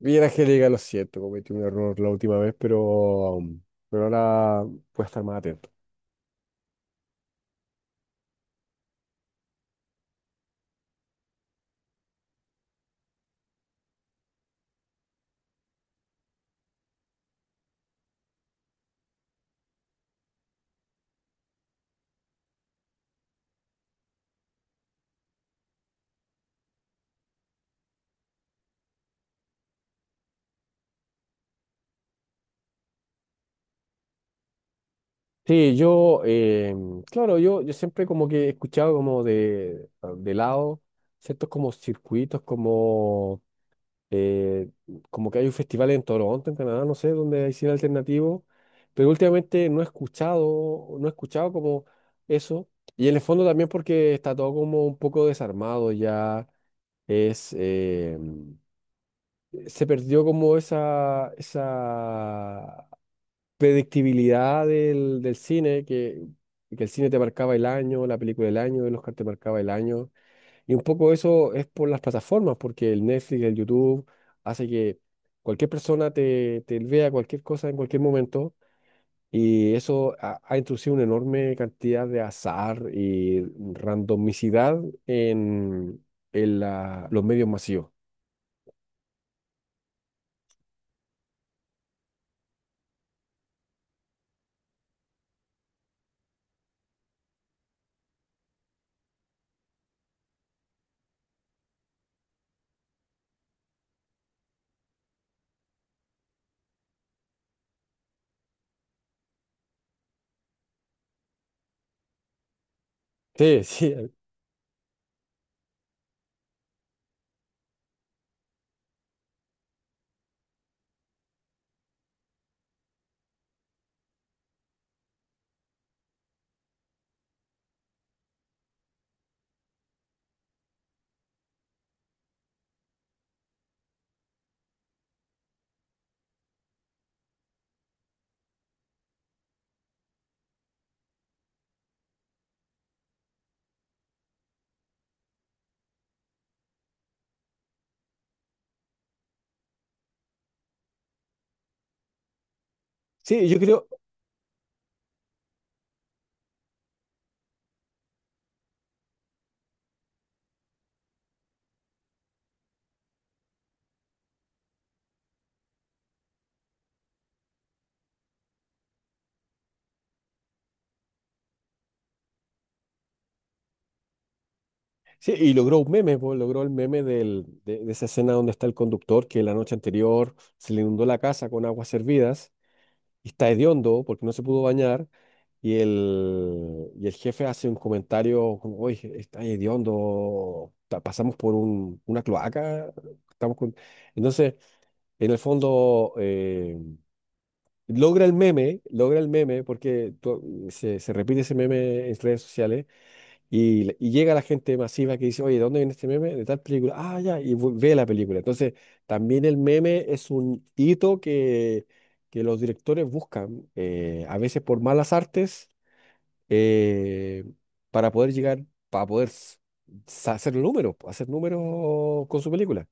Bien, Angélica, lo siento, cometí un error la última vez, pero, pero ahora voy a estar más atento. Sí, claro, yo siempre como que he escuchado como de, de lado ciertos como circuitos, eh, como que hay un festival en Toronto, en Canadá, no sé, donde hay cine alternativo, pero últimamente no he escuchado como eso, y en el fondo también porque está todo como un poco desarmado ya, es... eh, se perdió como esa predictibilidad del cine, que el cine te marcaba el año, la película del año, el Oscar te marcaba el año. Y un poco eso es por las plataformas, porque el Netflix, el YouTube, hace que cualquier persona te vea cualquier cosa en cualquier momento. Y eso ha introducido una enorme cantidad de azar y randomicidad en, en los medios masivos. Sí, sí, yo creo. Sí, y logró un meme, po, logró el meme de esa escena donde está el conductor que la noche anterior se le inundó la casa con aguas hervidas y está hediondo porque no se pudo bañar y el jefe hace un comentario como, oye, está hediondo, pasamos por una cloaca, estamos con... Entonces, en el fondo, logra el meme porque se repite ese meme en redes sociales y llega la gente masiva que dice, oye, ¿de dónde viene este meme? De tal película. Ah, ya, y ve la película. Entonces, también el meme es un hito que los directores buscan, a veces por malas artes, eh, para poder llegar, para poder s- sa- hacer números con su película.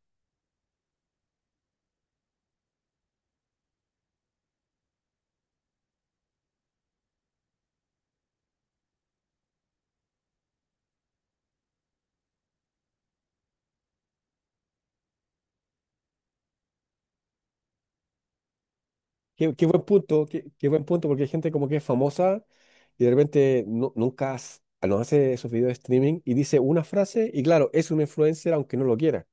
Qué buen punto, qué buen punto, porque hay gente como que es famosa y de repente nu- nunca hace- no hace esos videos de streaming y dice una frase y claro, es un influencer aunque no lo quiera.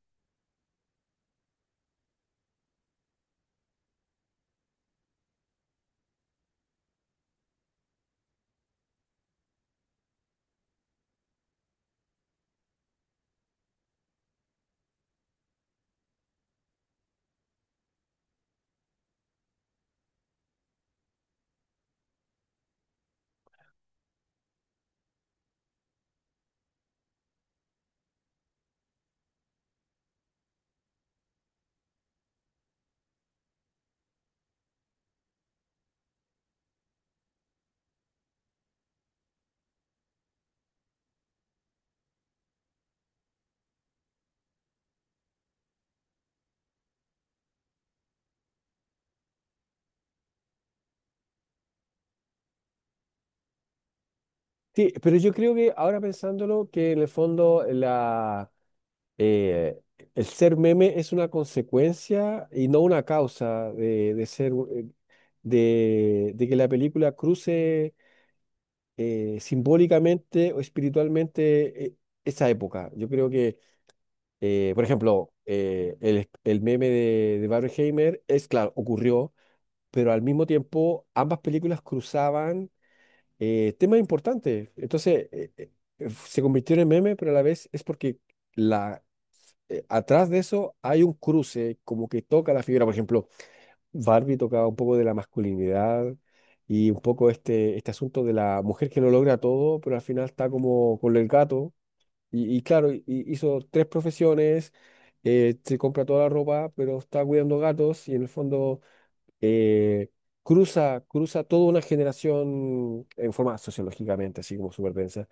Sí, pero yo creo que ahora pensándolo, que en el fondo eh, el ser meme es una consecuencia y no una causa de ser, de que la película cruce simbólicamente o espiritualmente esa época. Yo creo por ejemplo, el meme de Barbenheimer es, claro, ocurrió, pero al mismo tiempo ambas películas cruzaban tema importante. Entonces, se convirtió en meme, pero a la vez es porque la, atrás de eso hay un cruce como que toca la figura. Por ejemplo, Barbie tocaba un poco de la masculinidad y un poco este asunto de la mujer que no logra todo, pero al final está como con el gato. Y claro, y hizo tres profesiones, se compra toda la ropa, pero está cuidando gatos y en el fondo eh, cruza, cruza toda una generación en forma sociológicamente, así como súper densa.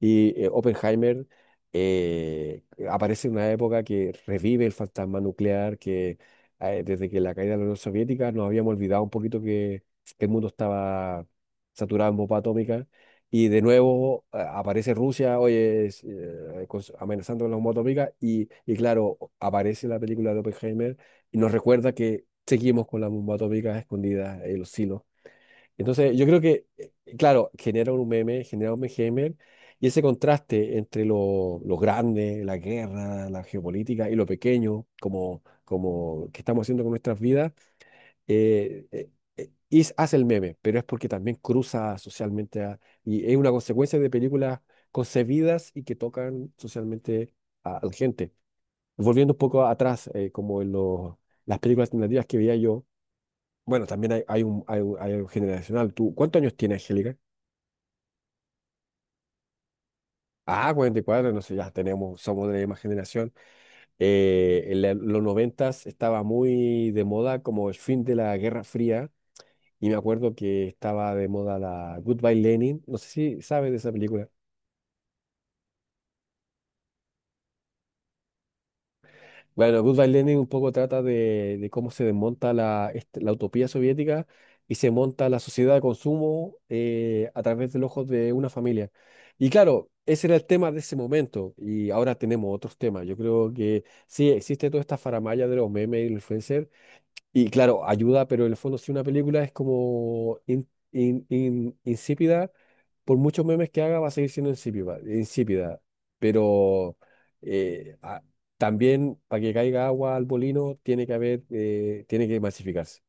Y Oppenheimer eh, aparece en una época que revive el fantasma nuclear, que desde que la caída de la Unión Soviética nos habíamos olvidado un poquito que el mundo estaba saturado en bomba atómica. Y de nuevo aparece Rusia, oye, amenazando con la bomba atómica. Y claro, aparece la película de Oppenheimer y nos recuerda que seguimos con la bomba atómica escondida en los silos. Entonces, yo creo que, claro, genera un meme y ese contraste entre lo grande, la guerra, la geopolítica y lo pequeño, como que estamos haciendo con nuestras vidas, eh, eh, hace el meme, pero es porque también cruza socialmente y es una consecuencia de películas concebidas y que tocan socialmente a la gente. Volviendo un poco atrás, como en las películas alternativas que veía yo, bueno, también hay algo generacional. ¿Tú, cuántos años tiene Angélica? Ah, 44 no sé, ya tenemos, somos de la misma generación. En los noventas estaba muy de moda como el fin de la Guerra Fría y me acuerdo que estaba de moda la Goodbye Lenin, no sé si sabes de esa película. Bueno, Goodbye Lenin un poco trata de cómo se desmonta la utopía soviética y se monta la sociedad de consumo a través del ojo de una familia. Y claro, ese era el tema de ese momento y ahora tenemos otros temas. Yo creo que sí, existe toda esta faramalla de los memes y los influencers, y claro, ayuda, pero en el fondo si una película es como insípida, por muchos memes que haga va a seguir siendo insípida, insípida. Pero eh, a- también para que caiga agua al molino tiene que haber, tiene que masificarse.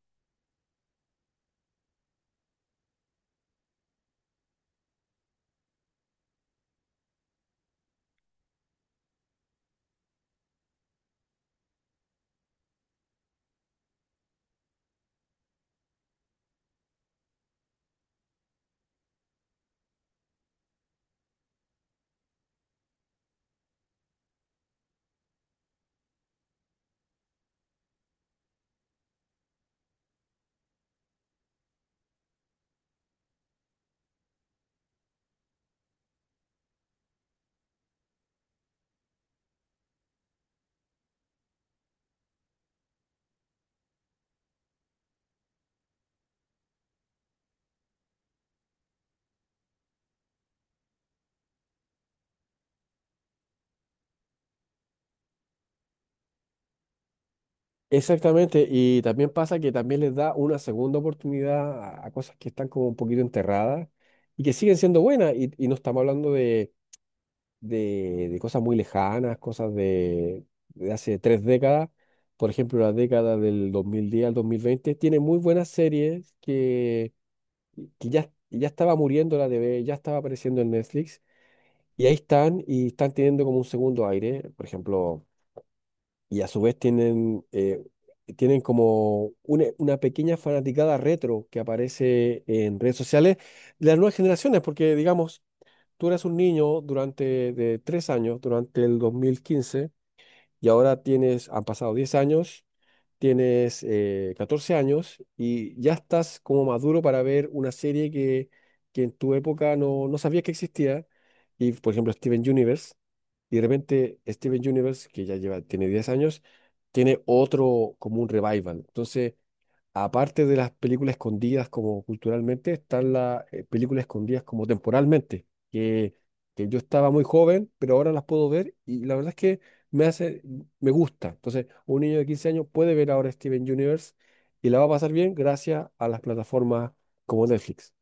Exactamente, y también pasa que también les da una segunda oportunidad a cosas que están como un poquito enterradas y que siguen siendo buenas y no estamos hablando de cosas muy lejanas, cosas de hace tres décadas, por ejemplo, la década del 2010 al 2020 tiene muy buenas series que ya estaba muriendo la TV, ya estaba apareciendo en Netflix, y ahí están, y están teniendo como un segundo aire, por ejemplo, y a su vez tienen, tienen como una pequeña fanaticada retro que aparece en redes sociales de las nuevas generaciones, porque digamos, tú eras un niño durante de tres años, durante el 2015, y ahora tienes, han pasado 10 años, tienes 14 años y ya estás como maduro para ver una serie que en tu época no sabías que existía, y por ejemplo Steven Universe, y de repente Steven Universe, que ya lleva, tiene 10 años, tiene otro como un revival. Entonces, aparte de las películas escondidas como culturalmente, están las películas escondidas como temporalmente, que, que yo estaba muy joven, pero ahora las puedo ver y la verdad es que me hace, me gusta. Entonces, un niño de 15 años puede ver ahora Steven Universe y la va a pasar bien gracias a las plataformas como Netflix.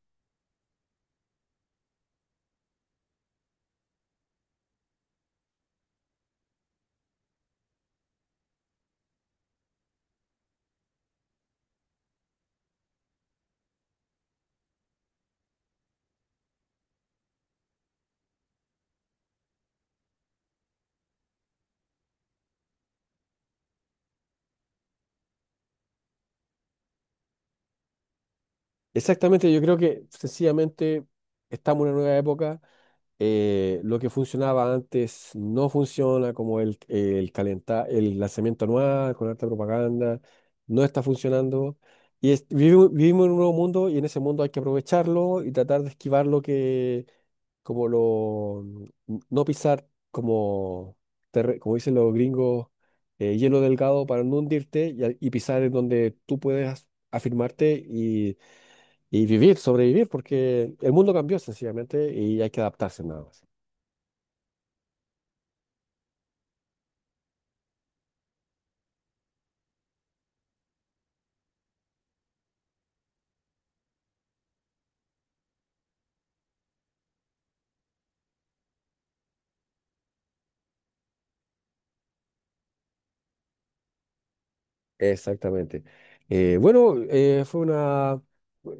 Exactamente, yo creo que sencillamente estamos en una nueva época, lo que funcionaba antes no funciona, como el el lanzamiento anual con alta propaganda, no está funcionando. Vivimos en un nuevo mundo y en ese mundo hay que aprovecharlo y tratar de esquivar lo que, como lo, no pisar como dicen los gringos, hielo delgado para no hundirte y pisar en donde tú puedes afirmarte y vivir, sobrevivir, porque el mundo cambió sencillamente y hay que adaptarse nada más. Exactamente. Bueno, fue una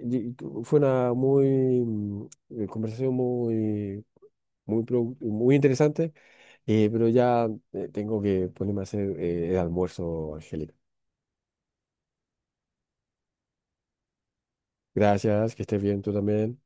y- fue una muy mm, conversación muy muy interesante, pero ya tengo que ponerme a hacer el almuerzo, Angélica. Gracias, que estés bien tú también.